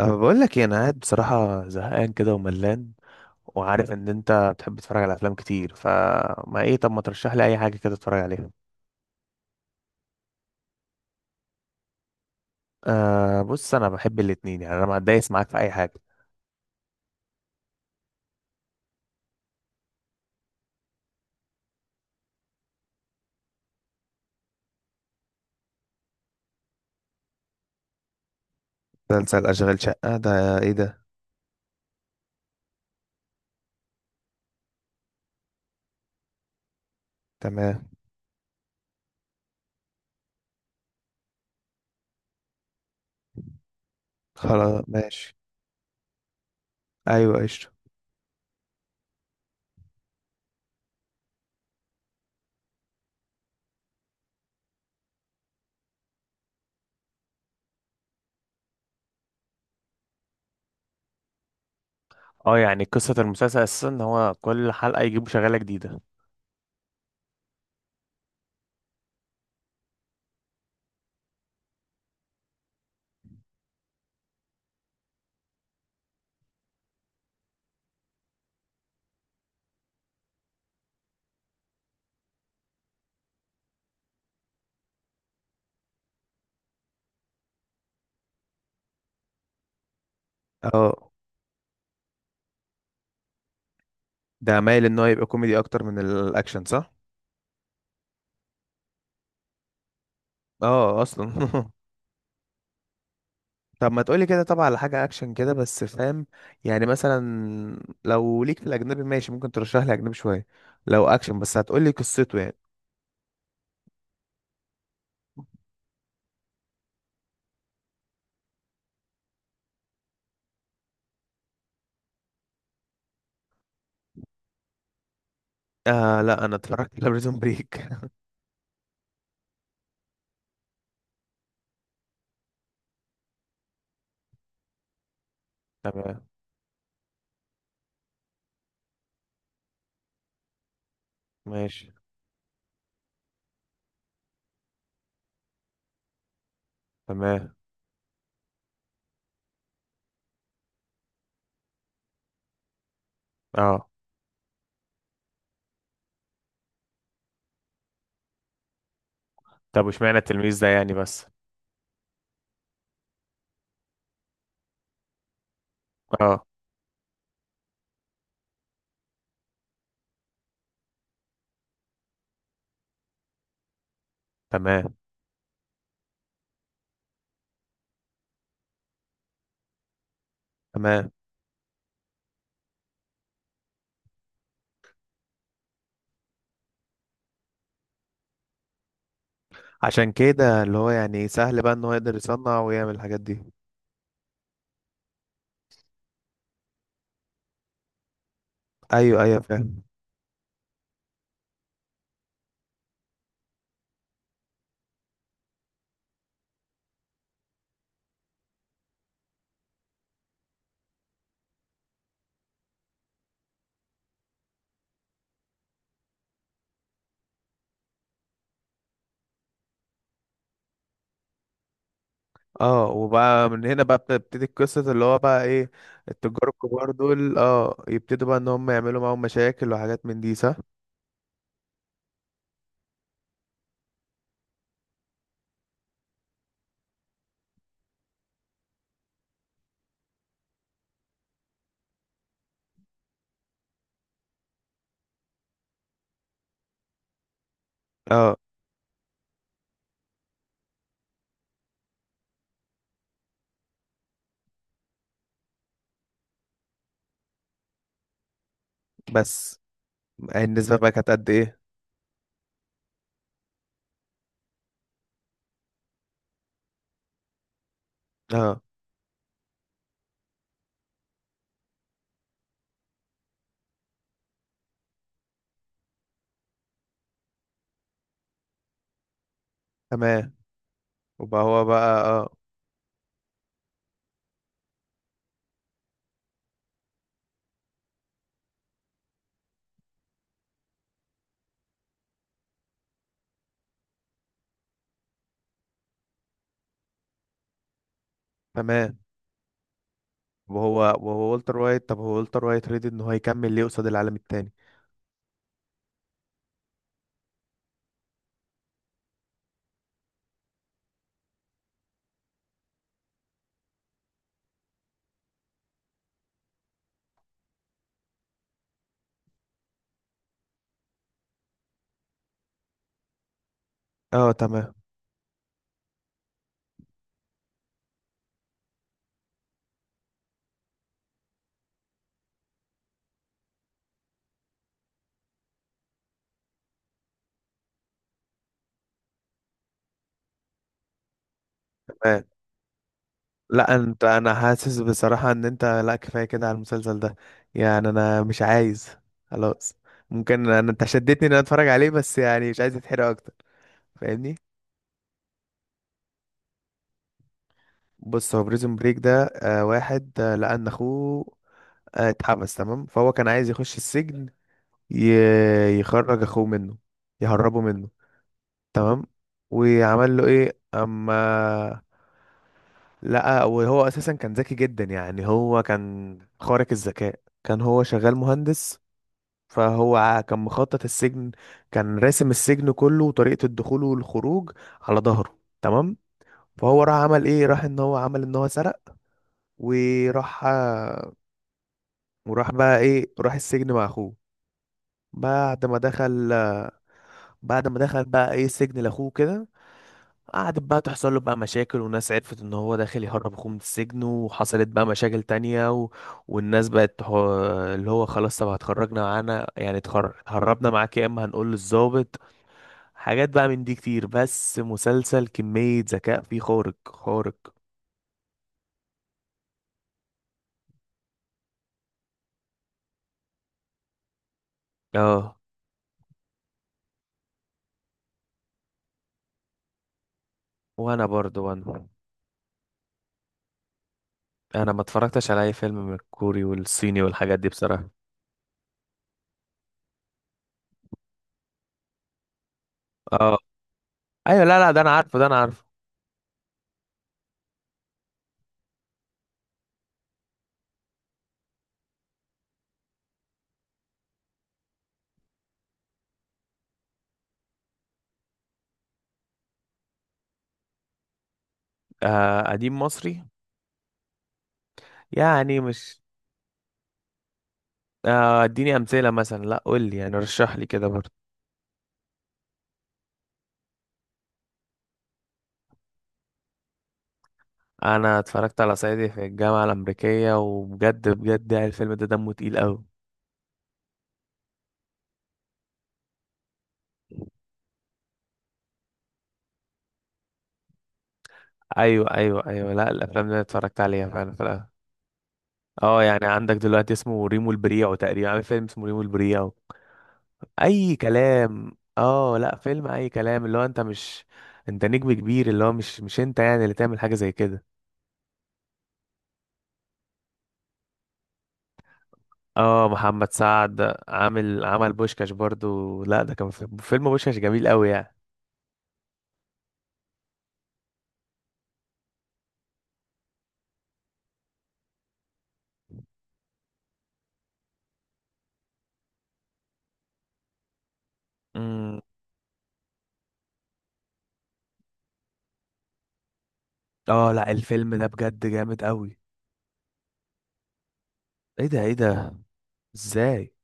أه بقول لك إيه، انا قاعد بصراحه زهقان كده وملان، وعارف ان انت بتحب تتفرج على افلام كتير، فما ايه؟ طب ما ترشح لي اي حاجه كده اتفرج عليها. أه بص، انا بحب الاتنين، يعني انا ما اتضايقش معاك في اي حاجه. مسلسل أشغال شقة ده إيه ده؟ تمام. خلاص ماشي. أيوة قشطة. اه يعني قصه المسلسل اساسا ان هو كل حلقه يجيبوا شغاله جديده. أه ده مايل إن هو يبقى كوميدي أكتر من الأكشن، صح؟ أه أصلا. طب ما تقولي كده طبعا على حاجة أكشن كده، بس فاهم. يعني مثلا، لو ليك في الأجنبي ماشي ممكن ترشح لي أجنبي شوية، لو أكشن، بس هتقولي قصته يعني. آه لا، أنا اتفرجت على بريزون بريك. تمام ماشي. تمام. اه، طب واشمعنى التلميذ ده يعني بس. اه، تمام تمام. عشان كده اللي هو يعني سهل بقى إن هو يقدر يصنع ويعمل الحاجات دي. أيوه أيوه، فاهم. اه وبقى من هنا بقى بتبتدي القصة، اللي هو بقى ايه؟ التجار الكبار دول يبتدوا بقى ان هم يعملوا معاهم مشاكل وحاجات من دي، صح؟ اه بس، النسبة بقى كانت قد ايه؟ اه تمام. وبقى هو بقى تمام. وهو والتر وايت، طب هو والتر وايت ريدي ان هو يكمل ليه قصاد العالم التاني؟ اه تمام تمام. لا انت، انا حاسس بصراحة ان انت، لا كفاية كده على المسلسل ده. يعني انا مش عايز. خلاص. ممكن انت شدتني ان انا اتفرج عليه، بس يعني مش عايز اتحرق اكتر. فاهمني؟ بص، هو بريزون بريك ده آه واحد، لأن أخوه اتحبس. تمام. فهو كان عايز يخش السجن، يخرج أخوه منه، يهربه منه. تمام. وعمل له إيه؟ أما لقى، وهو أساسا كان ذكي جدا يعني، هو كان خارق الذكاء، كان هو شغال مهندس. فهو كان مخطط السجن، كان راسم السجن كله وطريقة الدخول والخروج على ظهره. تمام. فهو راح عمل ايه؟ راح ان هو عمل ان هو سرق، وراح وراح بقى ايه؟ راح السجن مع اخوه. بعد ما دخل، بعد ما دخل بقى ايه؟ سجن لاخوه كده. قعدت بقى تحصل له بقى مشاكل، وناس عرفت ان هو داخل يهرب اخوه من السجن، وحصلت بقى مشاكل تانية و... والناس بقت تح... اللي هو خلاص طب هتخرجنا معانا، يعني هربنا معاك، يا اما هنقول للضابط. حاجات بقى من دي كتير، بس مسلسل كمية ذكاء فيه خارق خارق. اه وانا برضو، وانا انا ما اتفرجتش على اي فيلم من الكوري والصيني والحاجات دي بصراحة. اه ايوه، لا لا، ده انا عارفه، ده انا عارفه. آه قديم مصري. يعني مش، آه اديني امثله مثلا، لا قول لي يعني، رشح لي كده برضه. انا اتفرجت على صعيدي في الجامعه الامريكيه، وبجد بجد يعني الفيلم ده دمه تقيل قوي. ايوه ايوه ايوه، لا الافلام اللي أنا اتفرجت عليها فعلا في الأول. اه يعني عندك دلوقتي اسمه ريمو البريعو، تقريبا عامل فيلم اسمه ريمو البريعو اي كلام. اه لا، فيلم اي كلام اللي هو انت مش، انت نجم كبير، اللي هو مش انت يعني اللي تعمل حاجه زي كده. اه محمد سعد عامل، عمل بوشكاش برضو، لا ده كان في فيلم، بوشكاش جميل قوي يعني. امم. اه لا الفيلم ده بجد جامد قوي. ايه ده؟ ايه ده؟ ازاي؟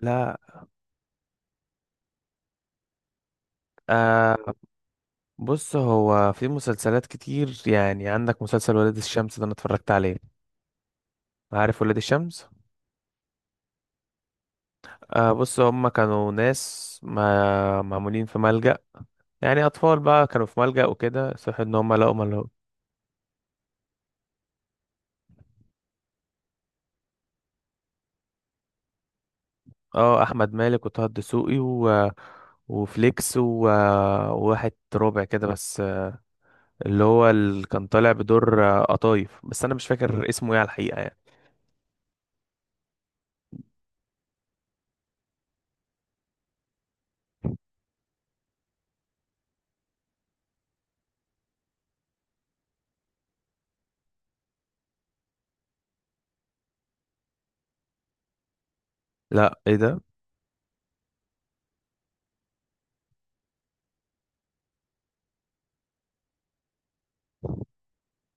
لا. آه بص، هو في مسلسلات كتير، يعني عندك مسلسل ولاد الشمس ده انا اتفرجت عليه. عارف ولاد الشمس؟ آه بص، هم كانوا ناس ما معمولين في ملجأ، يعني اطفال بقى كانوا في ملجأ وكده، صح ان هم لقوا. اه احمد مالك وطه الدسوقي و... وفليكس و... وواحد ربع كده بس، اللي هو اللي كان طالع بدور قطايف، بس انا مش فاكر اسمه ايه على الحقيقه يعني. لا ايه ده؟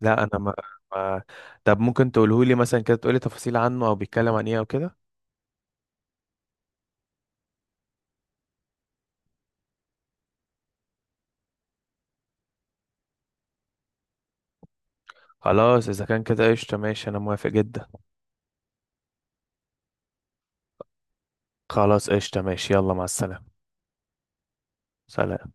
لا انا ما... ما... طب ممكن تقوله لي مثلا كده، تقولي تفاصيل عنه او بيتكلم عن ايه او كده. خلاص اذا كان كده قشطه ماشي، انا موافق جدا. خلاص قشطه ماشي، يلا مع السلامه. سلام.